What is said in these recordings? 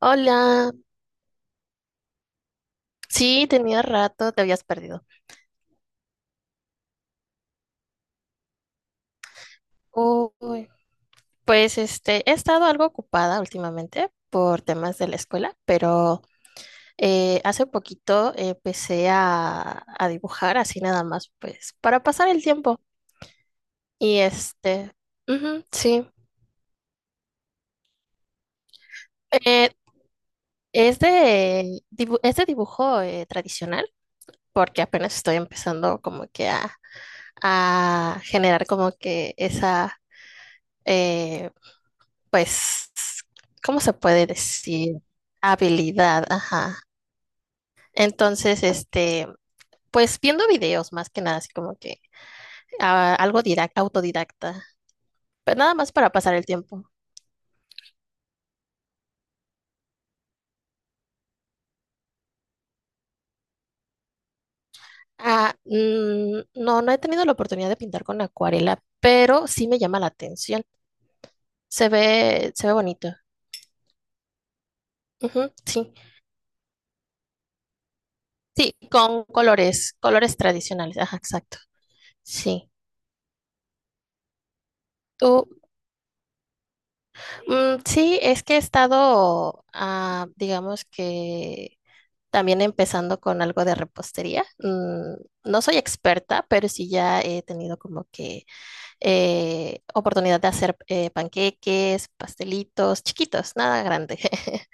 Hola, sí, tenía rato, te habías perdido. Uy, pues he estado algo ocupada últimamente por temas de la escuela, pero hace poquito empecé a dibujar así nada más, pues para pasar el tiempo. Y este, ujú, sí. Eh, es es de dibujo tradicional, porque apenas estoy empezando como que a generar como que esa... eh, pues, ¿cómo se puede decir? Habilidad, ajá. Entonces, este, pues viendo videos más que nada, así como que ah, autodidacta, pero nada más para pasar el tiempo. Ah, mm, no, no he tenido la oportunidad de pintar con acuarela, pero sí me llama la atención. Se ve bonito. Ujú, sí, sí, con colores, colores tradicionales, ajá, exacto. Sí. ¿Tú, mm, sí, es que he estado, ah, digamos que también empezando con algo de repostería. Mm, no soy experta, pero sí ya he tenido como que oportunidad de hacer panqueques, pastelitos, chiquitos, nada grande.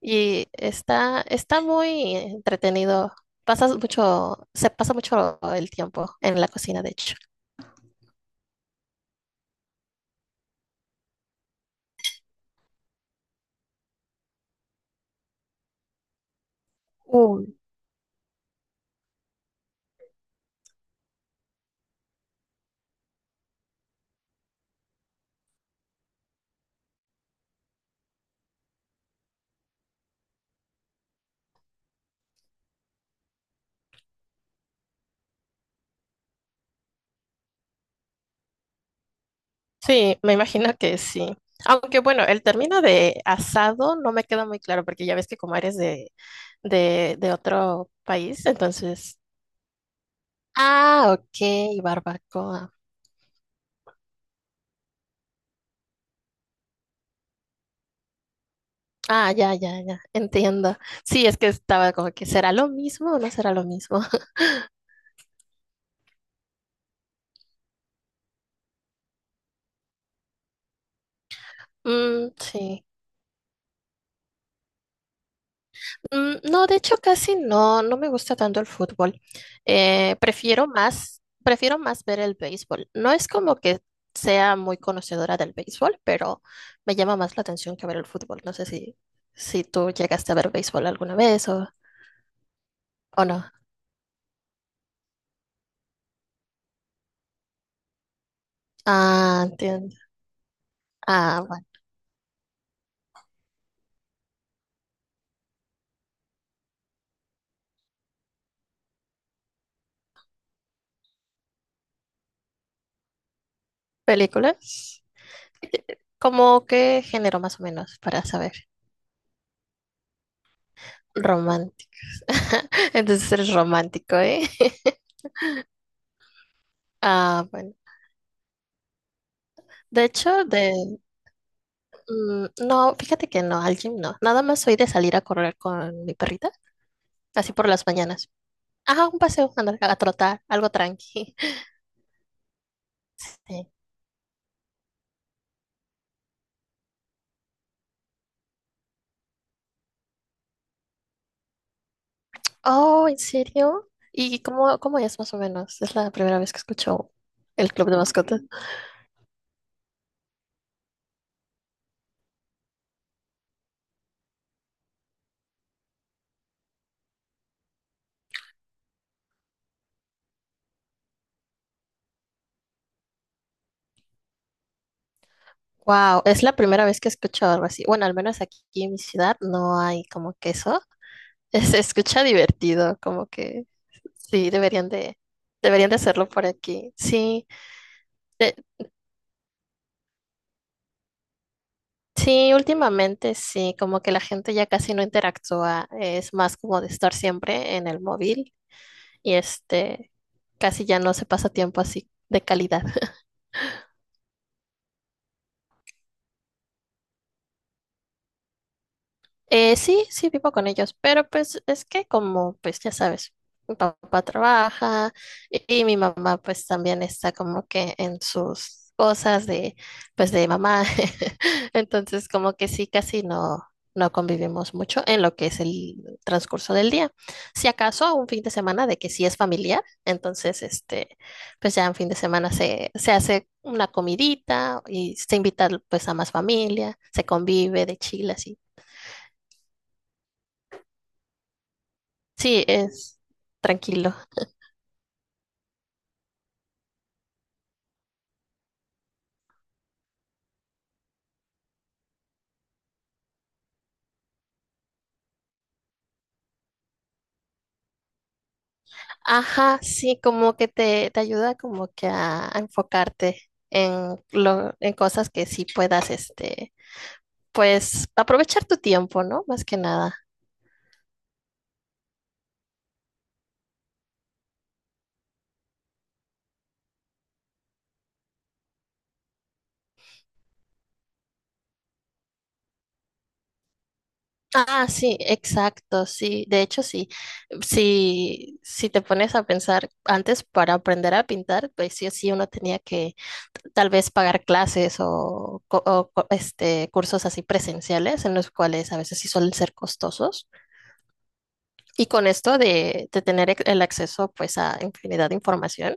Y está muy entretenido. Se pasa mucho el tiempo en la cocina, de hecho. Sí, me imagino que sí. Aunque bueno, el término de asado no me queda muy claro porque ya ves que como eres de otro país, entonces... Ah, ok, barbacoa. Ah, ya, ya, ya, entiendo. Sí, es que estaba como que será lo mismo o no será lo mismo. Mm, sí. Mm, no, de hecho casi no, no me gusta tanto el fútbol. Prefiero más ver el béisbol. No es como que sea muy conocedora del béisbol, pero me llama más la atención que ver el fútbol. No sé si, Si tú llegaste a ver béisbol alguna vez o no. Ah, entiendo. Ah, bueno. ¿Películas? ¿Cómo qué género más o menos para saber? Románticos. Entonces eres romántico, ¿eh? Ah, bueno. De hecho, de, mm, no, fíjate que no, al gym no. Nada más soy de salir a correr con mi perrita, así por las mañanas. Ajá, un paseo, andar a trotar, algo tranqui. Sí. Oh, ¿en serio? ¿Y cómo, cómo es más o menos? Es la primera vez que escucho el club de mascotas. Wow, es la primera vez que escucho algo así. Bueno, al menos aquí en mi ciudad no hay como que eso. Se escucha divertido, como que sí, deberían de hacerlo por aquí. Sí. Sí, últimamente sí, como que la gente ya casi no interactúa, es más como de estar siempre en el móvil y este, casi ya no se pasa tiempo así de calidad. Sí, sí, vivo con ellos, pero pues es que como, pues ya sabes, mi papá trabaja y mi mamá pues también está como que en sus cosas de, pues de mamá. Entonces como que sí, casi no, no convivimos mucho en lo que es el transcurso del día. Si acaso un fin de semana de que sí es familiar, entonces este, pues ya en fin de semana se hace una comidita y se invita pues a más familia, se convive de chill así. Sí, es tranquilo. Ajá, sí, como que te ayuda como que a enfocarte en lo, en cosas que sí puedas, este, pues aprovechar tu tiempo, ¿no? Más que nada. Ah, sí, exacto, sí. De hecho, sí. Si, si te pones a pensar antes para aprender a pintar, pues sí o sí uno tenía que tal vez pagar clases o este, cursos así presenciales en los cuales a veces sí suelen ser costosos. Y con esto de tener el acceso pues a infinidad de información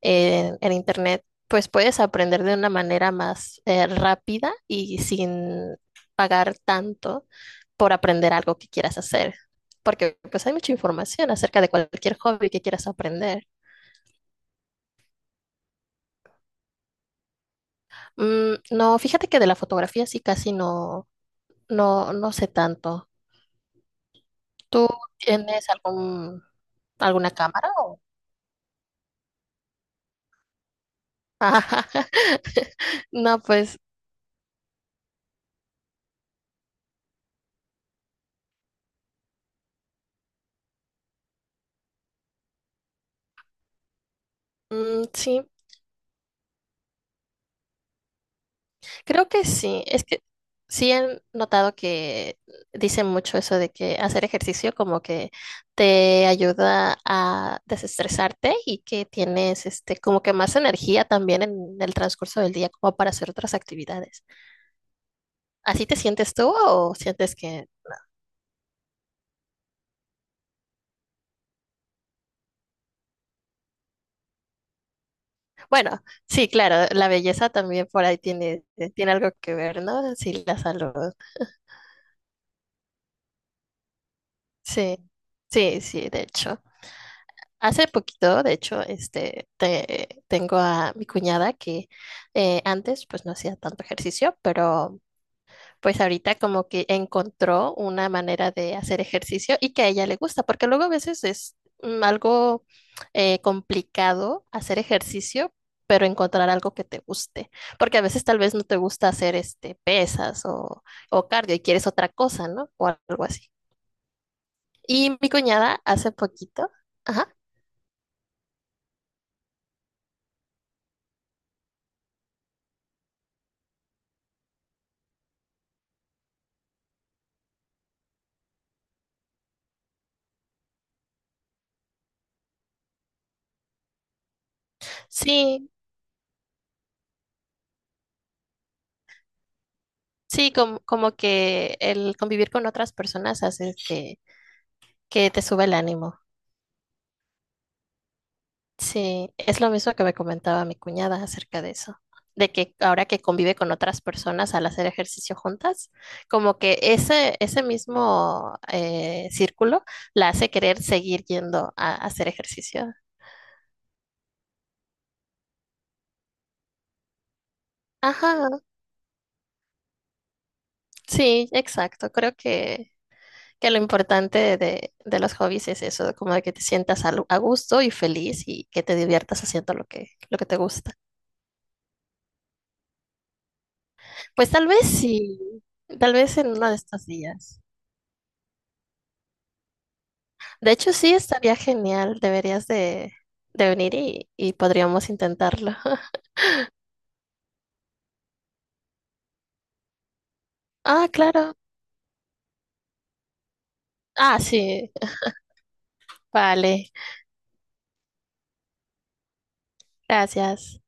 en Internet, pues puedes aprender de una manera más rápida y sin pagar tanto por aprender algo que quieras hacer. Porque pues hay mucha información acerca de cualquier hobby que quieras aprender. Mm, no, fíjate que de la fotografía sí casi no, no, no sé tanto. ¿Tú tienes algún, alguna cámara o...? No, pues mm, sí, creo que sí, es que sí he notado que dicen mucho eso de que hacer ejercicio como que te ayuda a desestresarte y que tienes este como que más energía también en el transcurso del día como para hacer otras actividades. ¿Así te sientes tú o sientes que, bueno, sí, claro, la belleza también por ahí tiene, tiene algo que ver, ¿no? Sí, la salud. Sí, sí, sí, de hecho. Hace poquito, de hecho, este, tengo a mi cuñada que antes pues no hacía tanto ejercicio, pero pues ahorita como que encontró una manera de hacer ejercicio y que a ella le gusta, porque luego a veces es mm, algo complicado hacer ejercicio, pero encontrar algo que te guste, porque a veces tal vez no te gusta hacer este, pesas o cardio y quieres otra cosa, ¿no? O algo así. Y mi cuñada hace poquito, ajá. Sí, sí, como, como que el convivir con otras personas hace que te sube el ánimo. Sí, es lo mismo que me comentaba mi cuñada acerca de eso, de que ahora que convive con otras personas al hacer ejercicio juntas, como que ese mismo círculo la hace querer seguir yendo a hacer ejercicio. Ajá, sí, exacto, creo que lo importante de los hobbies es eso, como de que te sientas a, gusto y feliz y que te diviertas haciendo lo que te gusta. Pues tal vez sí, tal vez en uno de estos días. De hecho, sí, estaría genial. Deberías de venir y podríamos intentarlo. Ah, claro. Ah, sí. Vale. Gracias.